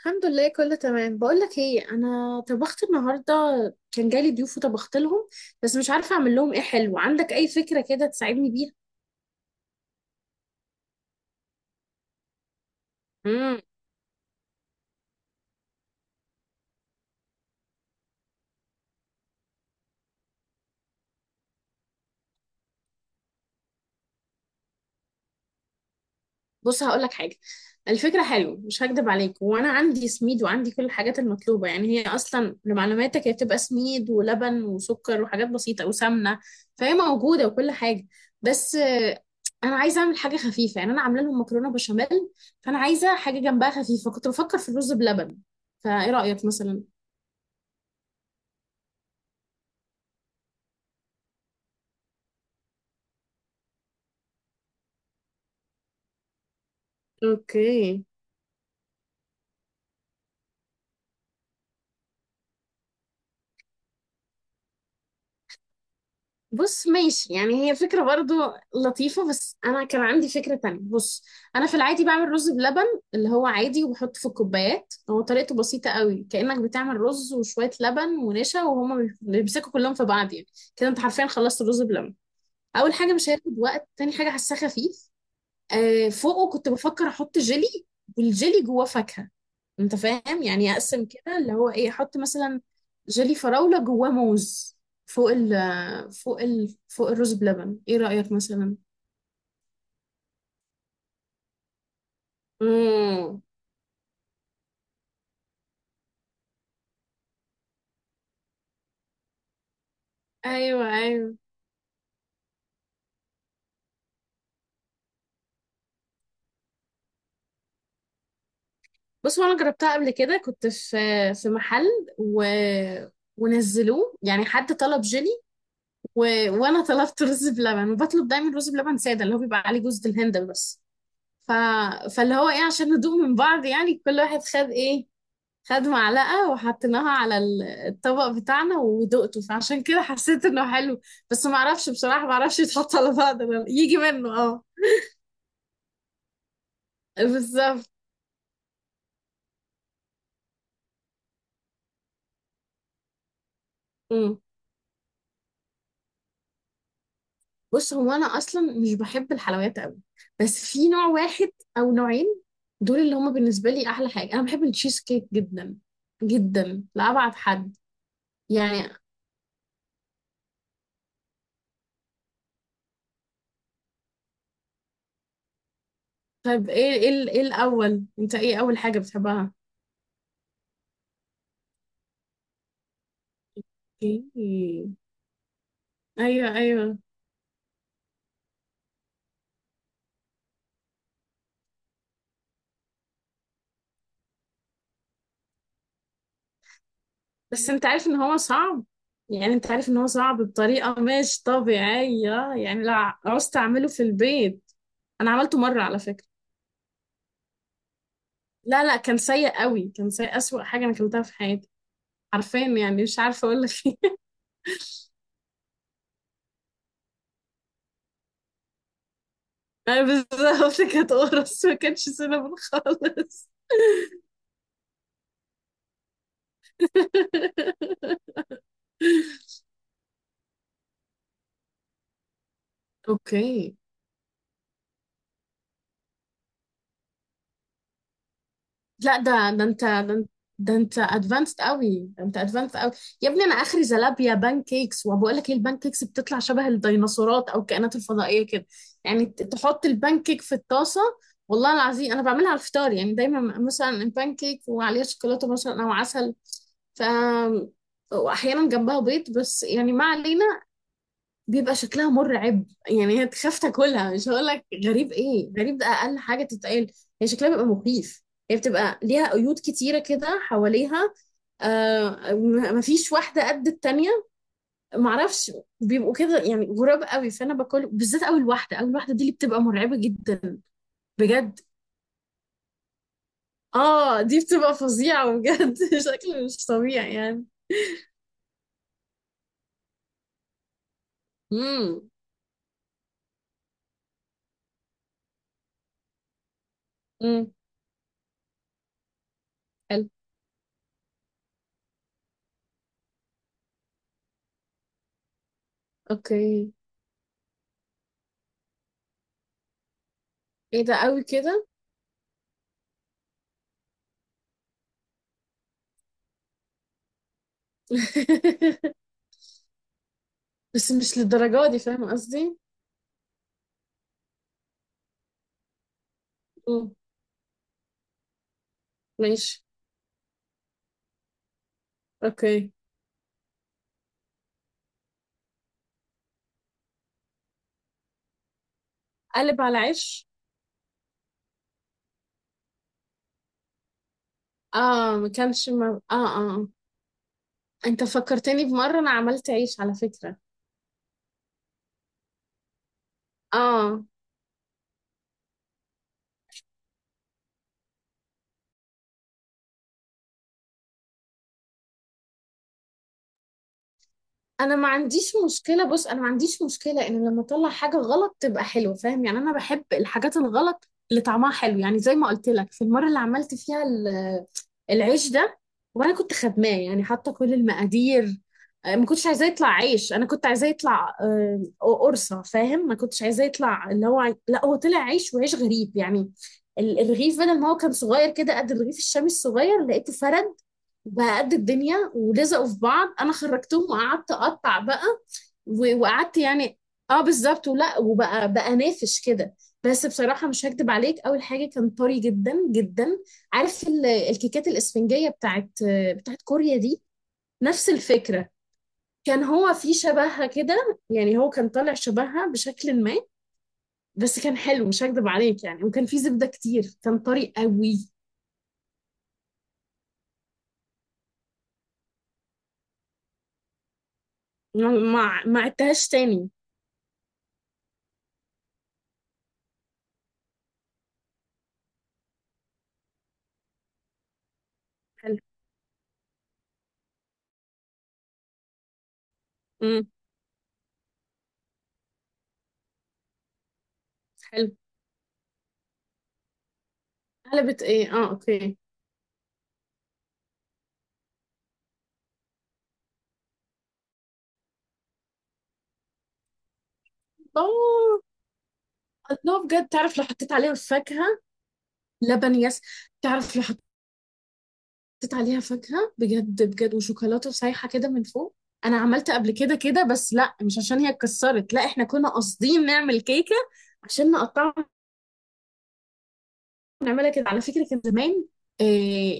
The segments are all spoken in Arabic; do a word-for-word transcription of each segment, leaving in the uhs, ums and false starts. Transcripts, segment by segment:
الحمد لله، كله تمام. بقول لك ايه، انا طبخت النهارده. كان جالي ضيوف وطبخت لهم، بس مش عارفه اعمل لهم ايه حلو. عندك اي فكره كده تساعدني بيها؟ امم. بص، هقول لك حاجه. الفكره حلوه، مش هكدب عليك. وانا عندي سميد وعندي كل الحاجات المطلوبه، يعني هي اصلا لمعلوماتك هي بتبقى سميد ولبن وسكر وحاجات بسيطه وسمنه. فهي موجوده وكل حاجه. بس آه، انا عايزه اعمل حاجه خفيفه. يعني انا عامله لهم مكرونه بشاميل، فانا عايزه حاجه جنبها خفيفه. كنت بفكر في الرز بلبن، فايه رايك مثلا؟ اوكي. بص، ماشي، يعني هي فكرة برضو لطيفة، بس انا كان عندي فكرة تانية. بص، انا في العادي بعمل رز بلبن، اللي هو عادي، وبحط في الكوبايات. هو طريقته بسيطة قوي، كأنك بتعمل رز وشوية لبن ونشا وهما بيمسكوا كلهم في بعض يعني. كده انت حرفيا خلصت الرز بلبن. اول حاجة مش هياخد وقت، تاني حاجة هساه خفيف. آه، فوقه كنت بفكر احط جيلي، والجيلي جواه فاكهة. انت فاهم؟ يعني اقسم كده اللي هو ايه، احط مثلا جيلي فراولة جواه موز فوق ال فوق ال فوق الرز بلبن. ايه رأيك مثلا؟ امم. ايوه ايوه. بص، هو انا جربتها قبل كده، كنت في في محل و... ونزلوه، يعني حد طلب جيلي، و... وانا طلبت رز بلبن، وبطلب دايما رز بلبن ساده اللي هو بيبقى عليه جوز الهند بس. ف... فاللي هو ايه، عشان ندوق من بعض يعني، كل واحد خد ايه، خد معلقة وحطيناها على ال- الطبق بتاعنا ودقته، فعشان كده حسيت انه حلو. بس ما اعرفش بصراحة، ما اعرفش يتحط على بعض ولا لا. يجي منه اه. بالظبط. مم. بص، هو انا اصلا مش بحب الحلويات قوي، بس في نوع واحد او نوعين، دول اللي هما بالنسبة لي احلى حاجة. انا بحب التشيز كيك جدا جدا، لأبعد حد يعني. طيب، ايه ايه ايه الاول، انت ايه اول حاجة بتحبها؟ اوكي. ايوه ايوه. بس انت عارف ان هو صعب، يعني انت عارف ان هو صعب بطريقة مش طبيعية، يعني لا عوزت اعمله في البيت. انا عملته مرة على فكرة. لا لا، كان سيء قوي، كان سيء، اسوأ حاجة انا اكلتها في حياتي. حرفيا يعني مش عارفة اقول لك ايه. انا بالظبط كانت قرص، ما كانش سينابون خالص. اوكي. لا، ده ده انت، ده انت، ده انت ادفانسد قوي، ده انت ادفانسد قوي. يا ابني، انا اخري زلابيا بان كيكس. وبقول لك ايه، البان كيكس بتطلع شبه الديناصورات او الكائنات الفضائيه كده. يعني ت- تحط البان كيك في الطاسه. والله العظيم انا بعملها على الفطار، يعني دايما مثلا البان كيك وعليها شوكولاته مثلا او عسل. ف واحيانا جنبها بيض، بس يعني ما علينا. بيبقى شكلها مرعب يعني، هي اكتشفت تاكلها. مش هقول لك غريب، ايه غريب، ده اقل حاجه تتقال. هي شكلها بيبقى مخيف، هي بتبقى ليها قيود كتيره كده حواليها. آه، م- مفيش واحده قد التانيه. معرفش، بيبقوا كده يعني غراب قوي. فانا باكل بالذات اول واحده، اول واحده دي اللي بتبقى مرعبه جدا. بجد اه، دي بتبقى فظيعه بجد. شكل مش طبيعي يعني. امم. امم. حلو. اوكي. ايه ده قوي كده. بس مش للدرجة دي، فاهم قصدي؟ مم. ماشي. اوكي. قلب على عيش. اه ما كانش، ما... اه اه آه. انت فكرتني بمرة انا عملت عيش على فكرة. اه، انا ما عنديش مشكله. بص، انا ما عنديش مشكله ان لما اطلع حاجه غلط تبقى حلوه، فاهم يعني؟ انا بحب الحاجات الغلط اللي طعمها حلو، يعني زي ما قلت لك في المره اللي عملت فيها ال- العيش ده. وانا كنت خدماه يعني، حاطه كل المقادير. آه، ما كنتش عايزاه يطلع عيش، انا كنت عايزاه يطلع آه، قرصه، فاهم؟ ما كنتش عايزاه يطلع اللي هو عي- لا، هو طلع عيش، وعيش غريب يعني. ال- الرغيف بدل ما هو كان صغير كده قد الرغيف الشامي الصغير، لقيته فرد، بقى قد الدنيا، ولزقوا في بعض. انا خرجتهم وقعدت اقطع بقى، و- وقعدت يعني. اه بالظبط، ولا وبقى بقى نافش كده. بس بصراحة مش هكدب عليك، أول حاجة كان طري جدا جدا. عارف ال- الكيكات الإسفنجية بتاعت بتاعت كوريا دي؟ نفس الفكرة. كان هو في شبهها كده، يعني هو كان طالع شبهها بشكل ما. بس كان حلو مش هكدب عليك يعني، وكان في زبدة كتير، كان طري قوي. ما ما ما عدتهاش تاني. حلو. امم. حلو. قلبت ايه؟ اه اوكي. اه، الله، بجد تعرف لو حطيت عليها فاكهة؟ لبن، يس. تعرف لو حطيت عليها فاكهة بجد بجد وشوكولاتة سايحة كده من فوق. انا عملت قبل كده كده، بس لا مش عشان هي اتكسرت، لا، احنا كنا قاصدين نعمل كيكة عشان نقطعها. بنعملها كده على فكرة، كان زمان. آه،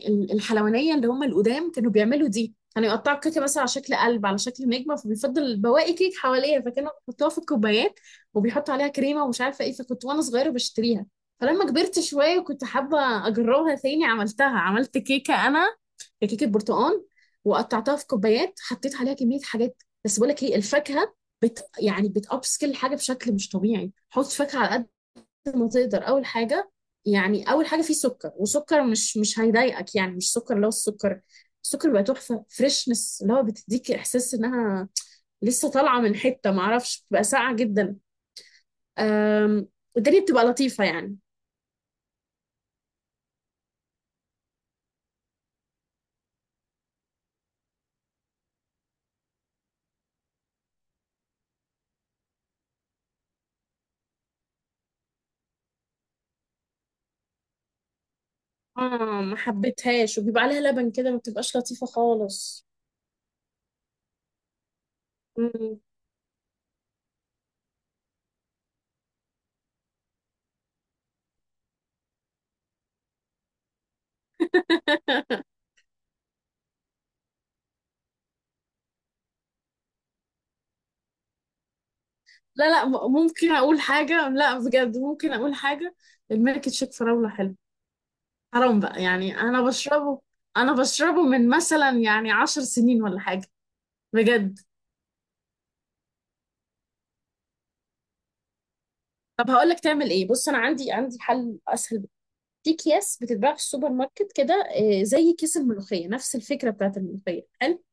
ال- الحلوانية اللي هم القدام كانوا بيعملوا دي، كانوا يقطعوا الكيكة مثلا على شكل قلب، على شكل نجمة، فبيفضل بواقي كيك حواليها، فكانوا بيحطوها في الكوبايات وبيحطوا عليها كريمة ومش عارفة ايه. فكنت وانا صغيرة بشتريها، فلما كبرت شوية وكنت حابة أجربها تاني، عملتها، عملت كيكة أنا، كيكة برتقال. وقطعتها في كوبايات، حطيت عليها كمية حاجات. بس بقول لك ايه، الفاكهة بت يعني بتأبسكل الحاجة بشكل مش طبيعي. حط فاكهة على قد ما تقدر. اول حاجه يعني، اول حاجه فيه سكر، وسكر مش مش هيضايقك، يعني مش سكر اللي هو السكر. السكر بقى تحفه، فريشنس، اللي هو بتديك احساس انها لسه طالعه من حته ما اعرفش، بتبقى ساقعه جدا. أم، والدنيا بتبقى لطيفه يعني. اه ما حبيتهاش، وبيبقى عليها لبن كده ما بتبقاش لطيفه خالص. مم. لا لا، م- ممكن اقول حاجه، لا بجد ممكن اقول حاجه. الملك تشيك فراوله حلو، حرام بقى يعني. انا بشربه، انا بشربه من مثلا يعني عشر سنين ولا حاجه، بجد. طب هقول لك تعمل ايه. بص، انا عندي عندي حل اسهل بكتير. في اكياس بتتباع في السوبر ماركت كده، آه، زي كيس الملوخيه، نفس الفكره بتاعت الملوخيه حلو.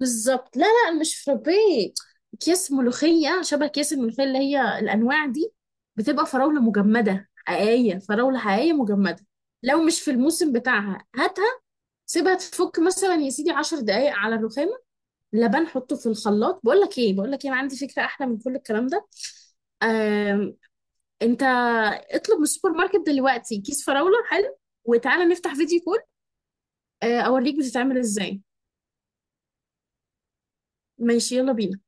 بالظبط، لا لا، مش فرابيه. اكياس ملوخيه، شبه اكياس الملوخيه اللي هي الانواع دي. بتبقى فراوله مجمده حقيقيه، فراوله حقيقيه مجمده. لو مش في الموسم بتاعها هاتها، سيبها تفك مثلا يا سيدي 10 دقايق على الرخام. لبن، حطه في الخلاط. بقول لك ايه، بقول لك ايه، انا عندي فكره احلى من كل الكلام ده. آم، انت اطلب من السوبر ماركت دلوقتي كيس فراوله حلو، وتعالى نفتح فيديو كول، آه، اوريك بتتعمل ازاي. ماشي، يلا بينا.